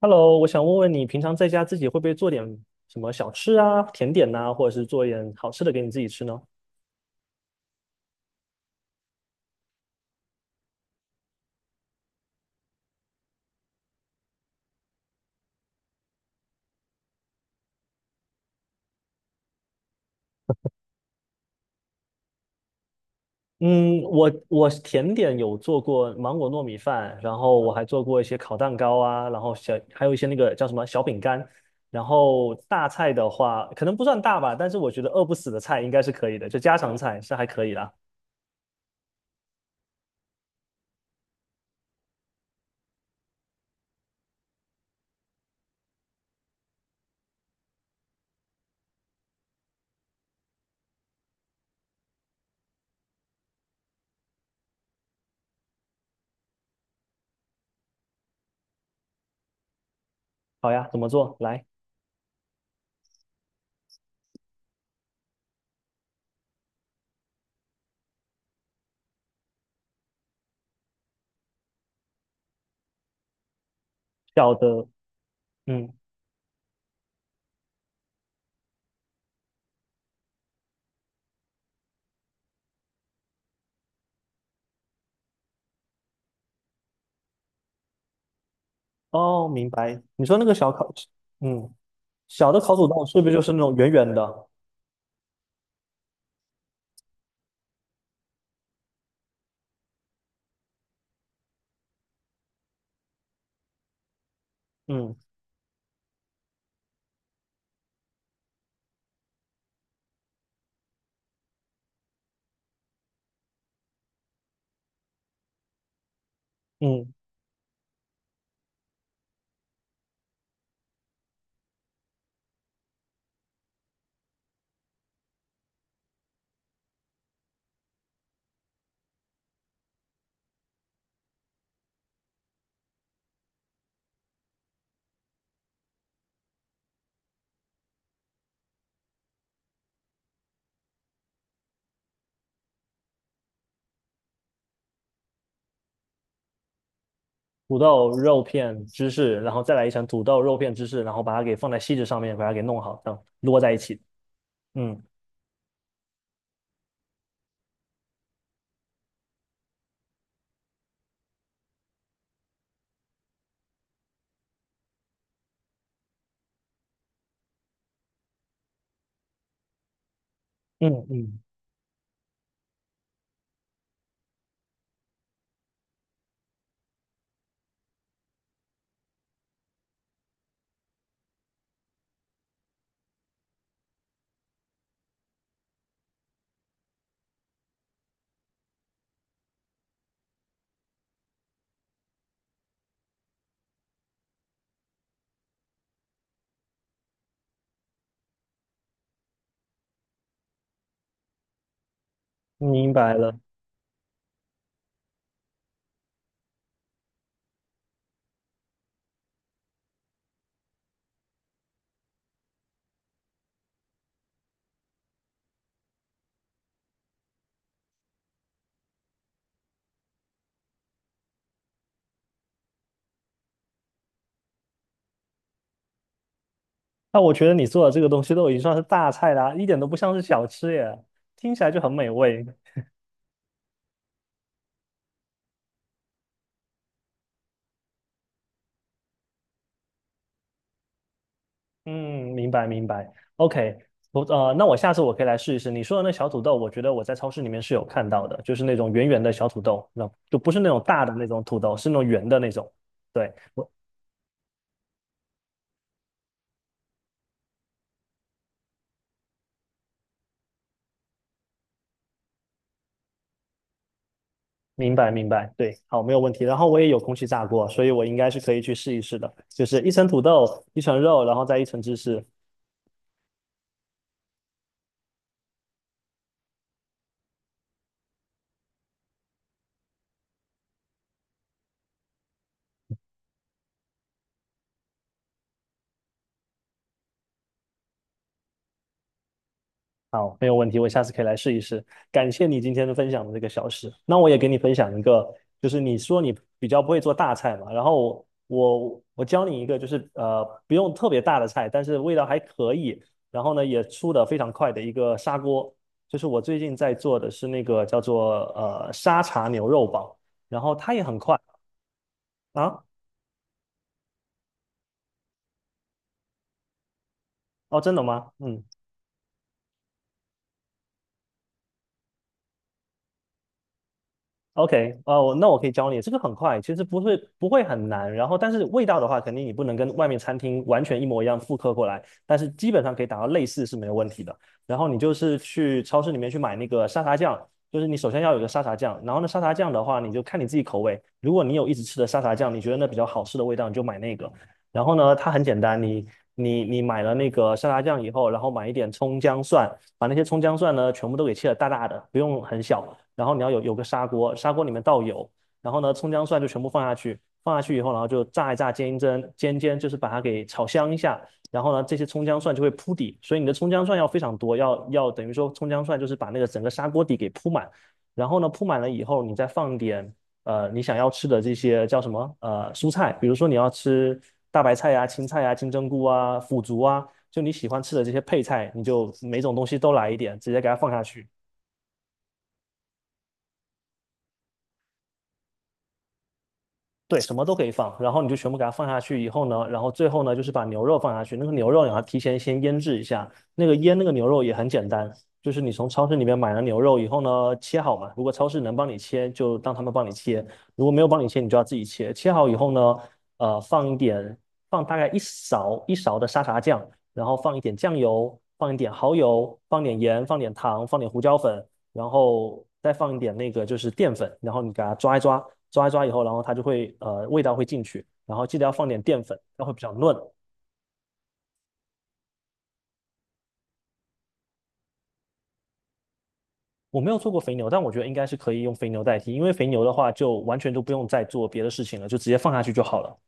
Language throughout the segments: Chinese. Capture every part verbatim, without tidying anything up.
Hello，我想问问你，平常在家自己会不会做点什么小吃啊、甜点呐、或者是做一点好吃的给你自己吃呢？嗯，我我甜点有做过芒果糯米饭，然后我还做过一些烤蛋糕啊，然后小还有一些那个叫什么小饼干。然后大菜的话，可能不算大吧，但是我觉得饿不死的菜应该是可以的，就家常菜是还可以的。好呀，怎么做？来，小的，嗯，哦，明白。你说那个小烤，嗯，小的烤土豆是不是就是那种圆圆的？嗯。嗯，土豆、肉片、芝士，然后再来一层土豆、肉片、芝士，然后把它给放在锡纸上面，把它给弄好，这样摞在一起。嗯嗯嗯，明白了。那我觉得你做的这个东西都已经算是大菜啦，一点都不像是小吃耶，听起来就很美味。嗯，明白明白。OK，我呃，那我下次我可以来试一试你说的那小土豆，我觉得我在超市里面是有看到的，就是那种圆圆的小土豆，那就不是那种大的那种土豆，是那种圆的那种。对。明白明白，对，好，没有问题。然后我也有空气炸锅，所以我应该是可以去试一试的，就是一层土豆，一层肉，然后再一层芝士。好，没有问题，我下次可以来试一试。感谢你今天的分享的这个小事。那我也给你分享一个，就是你说你比较不会做大菜嘛，然后我我我教你一个，就是呃不用特别大的菜，但是味道还可以，然后呢也出的非常快的一个砂锅，就是我最近在做的是那个叫做呃沙茶牛肉煲，然后它也很快啊。哦，真的吗？嗯，OK，哦，我那我可以教你，这个很快，其实不会不会很难。然后，但是味道的话，肯定你不能跟外面餐厅完全一模一样复刻过来，但是基本上可以达到类似是没有问题的。然后你就是去超市里面去买那个沙茶酱，就是你首先要有个沙茶酱，然后呢，沙茶酱的话，你就看你自己口味。如果你有一直吃的沙茶酱，你觉得那比较好吃的味道，你就买那个。然后呢，它很简单，你你你买了那个沙茶酱以后，然后买一点葱姜蒜。把那些葱姜蒜呢全部都给切得大大的，不用很小。然后你要有有个砂锅，砂锅里面倒油，然后呢葱姜蒜就全部放下去，放下去以后，然后就炸一炸，煎一煎，煎煎就是把它给炒香一下。然后呢，这些葱姜蒜就会铺底，所以你的葱姜蒜要非常多，要要等于说葱姜蒜就是把那个整个砂锅底给铺满。然后呢，铺满了以后，你再放点呃你想要吃的这些叫什么呃蔬菜，比如说你要吃大白菜呀、青菜呀、金针菇啊、腐竹啊，就你喜欢吃的这些配菜，你就每种东西都来一点，直接给它放下去。对，什么都可以放，然后你就全部给它放下去以后呢，然后最后呢就是把牛肉放下去，那个牛肉你要提前先腌制一下，那个腌那个牛肉也很简单，就是你从超市里面买了牛肉以后呢，切好嘛，如果超市能帮你切，就让他们帮你切，如果没有帮你切，你就要自己切。切好以后呢，呃，放一点，放大概一勺一勺的沙茶酱，然后放一点酱油，放一点蚝油，放点盐，放点糖，放点胡椒粉，然后再放一点那个就是淀粉，然后你给它抓一抓，抓一抓以后，然后它就会呃味道会进去，然后记得要放点淀粉，它会比较嫩。我没有做过肥牛，但我觉得应该是可以用肥牛代替，因为肥牛的话就完全都不用再做别的事情了，就直接放下去就好了。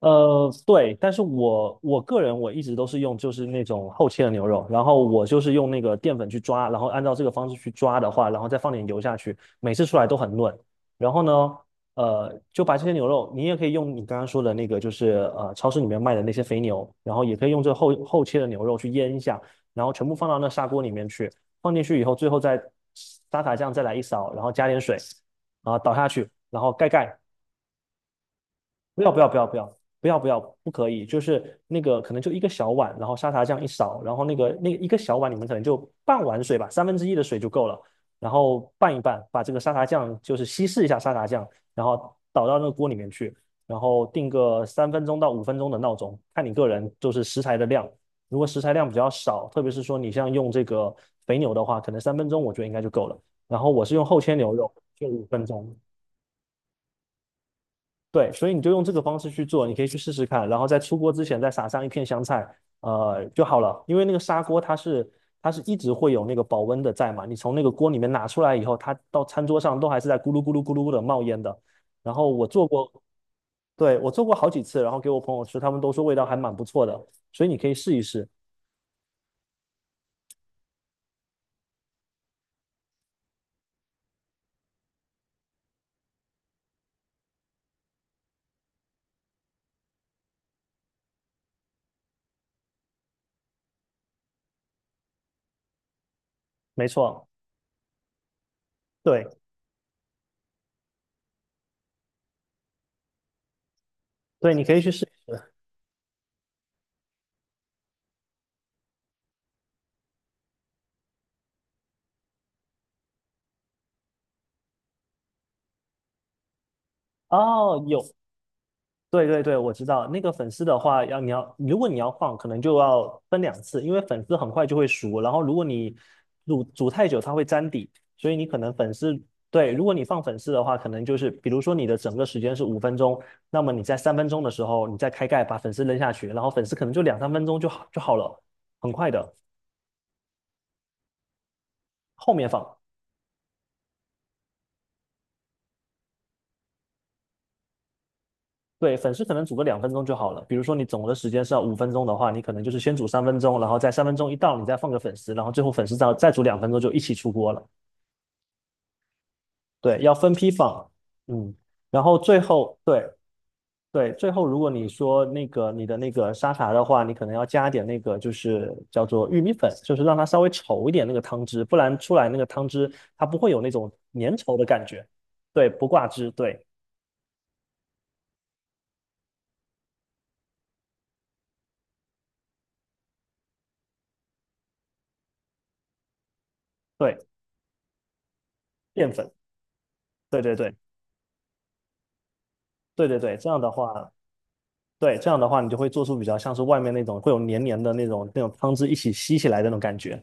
呃，对，但是我我个人我一直都是用就是那种厚切的牛肉，然后我就是用那个淀粉去抓，然后按照这个方式去抓的话，然后再放点油下去，每次出来都很嫩。然后呢，呃，就把这些牛肉，你也可以用你刚刚说的那个，就是呃超市里面卖的那些肥牛，然后也可以用这厚厚切的牛肉去腌一下，然后全部放到那砂锅里面去，放进去以后，最后再沙茶酱再来一勺，然后加点水，然后倒下去，然后盖盖，不要不要不要不要不要不要，不可以，就是那个可能就一个小碗，然后沙茶酱一勺，然后那个那一个小碗里面可能就半碗水吧，三分之一的水就够了，然后拌一拌，把这个沙茶酱就是稀释一下沙茶酱，然后倒到那个锅里面去，然后定个三分钟到五分钟的闹钟，看你个人就是食材的量，如果食材量比较少，特别是说你像用这个肥牛的话，可能三分钟我觉得应该就够了，然后我是用厚切牛肉，就五分钟，对，所以你就用这个方式去做，你可以去试试看，然后在出锅之前再撒上一片香菜，呃就好了。因为那个砂锅它是它是一直会有那个保温的在嘛，你从那个锅里面拿出来以后，它到餐桌上都还是在咕噜咕噜咕噜的冒烟的。然后我做过，对，我做过好几次，然后给我朋友吃，他们都说味道还蛮不错的，所以你可以试一试。没错，对对，你可以去试。哦，有对对对，我知道那个粉丝的话，要你要如果你要放，可能就要分两次，因为粉丝很快就会熟，然后如果你煮煮太久，它会粘底，所以你可能粉丝对，如果你放粉丝的话，可能就是比如说你的整个时间是五分钟，那么你在三分钟的时候，你再开盖把粉丝扔下去，然后粉丝可能就两三分钟就好就好了，很快的，后面放。对，粉丝可能煮个两分钟就好了。比如说你总的时间是要五分钟的话，你可能就是先煮三分钟，然后在三分钟一到，你再放个粉丝，然后最后粉丝再再煮两分钟就一起出锅了。对，要分批放，嗯，然后最后对对，最后如果你说那个你的那个沙茶的话，你可能要加点那个就是叫做玉米粉，就是让它稍微稠一点那个汤汁，不然出来那个汤汁它不会有那种粘稠的感觉。对，不挂汁，对对，淀粉，对对对对对对，这样的话。对，这样的话你就会做出比较像是外面那种会有黏黏的那种那种汤汁一起吸起来的那种感觉。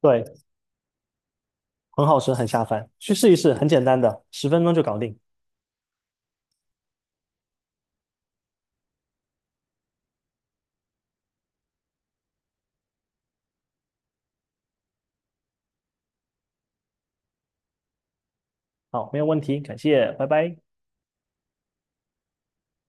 对，很好吃，很下饭，去试一试，很简单的，十分钟就搞定。好，没有问题，感谢，拜拜。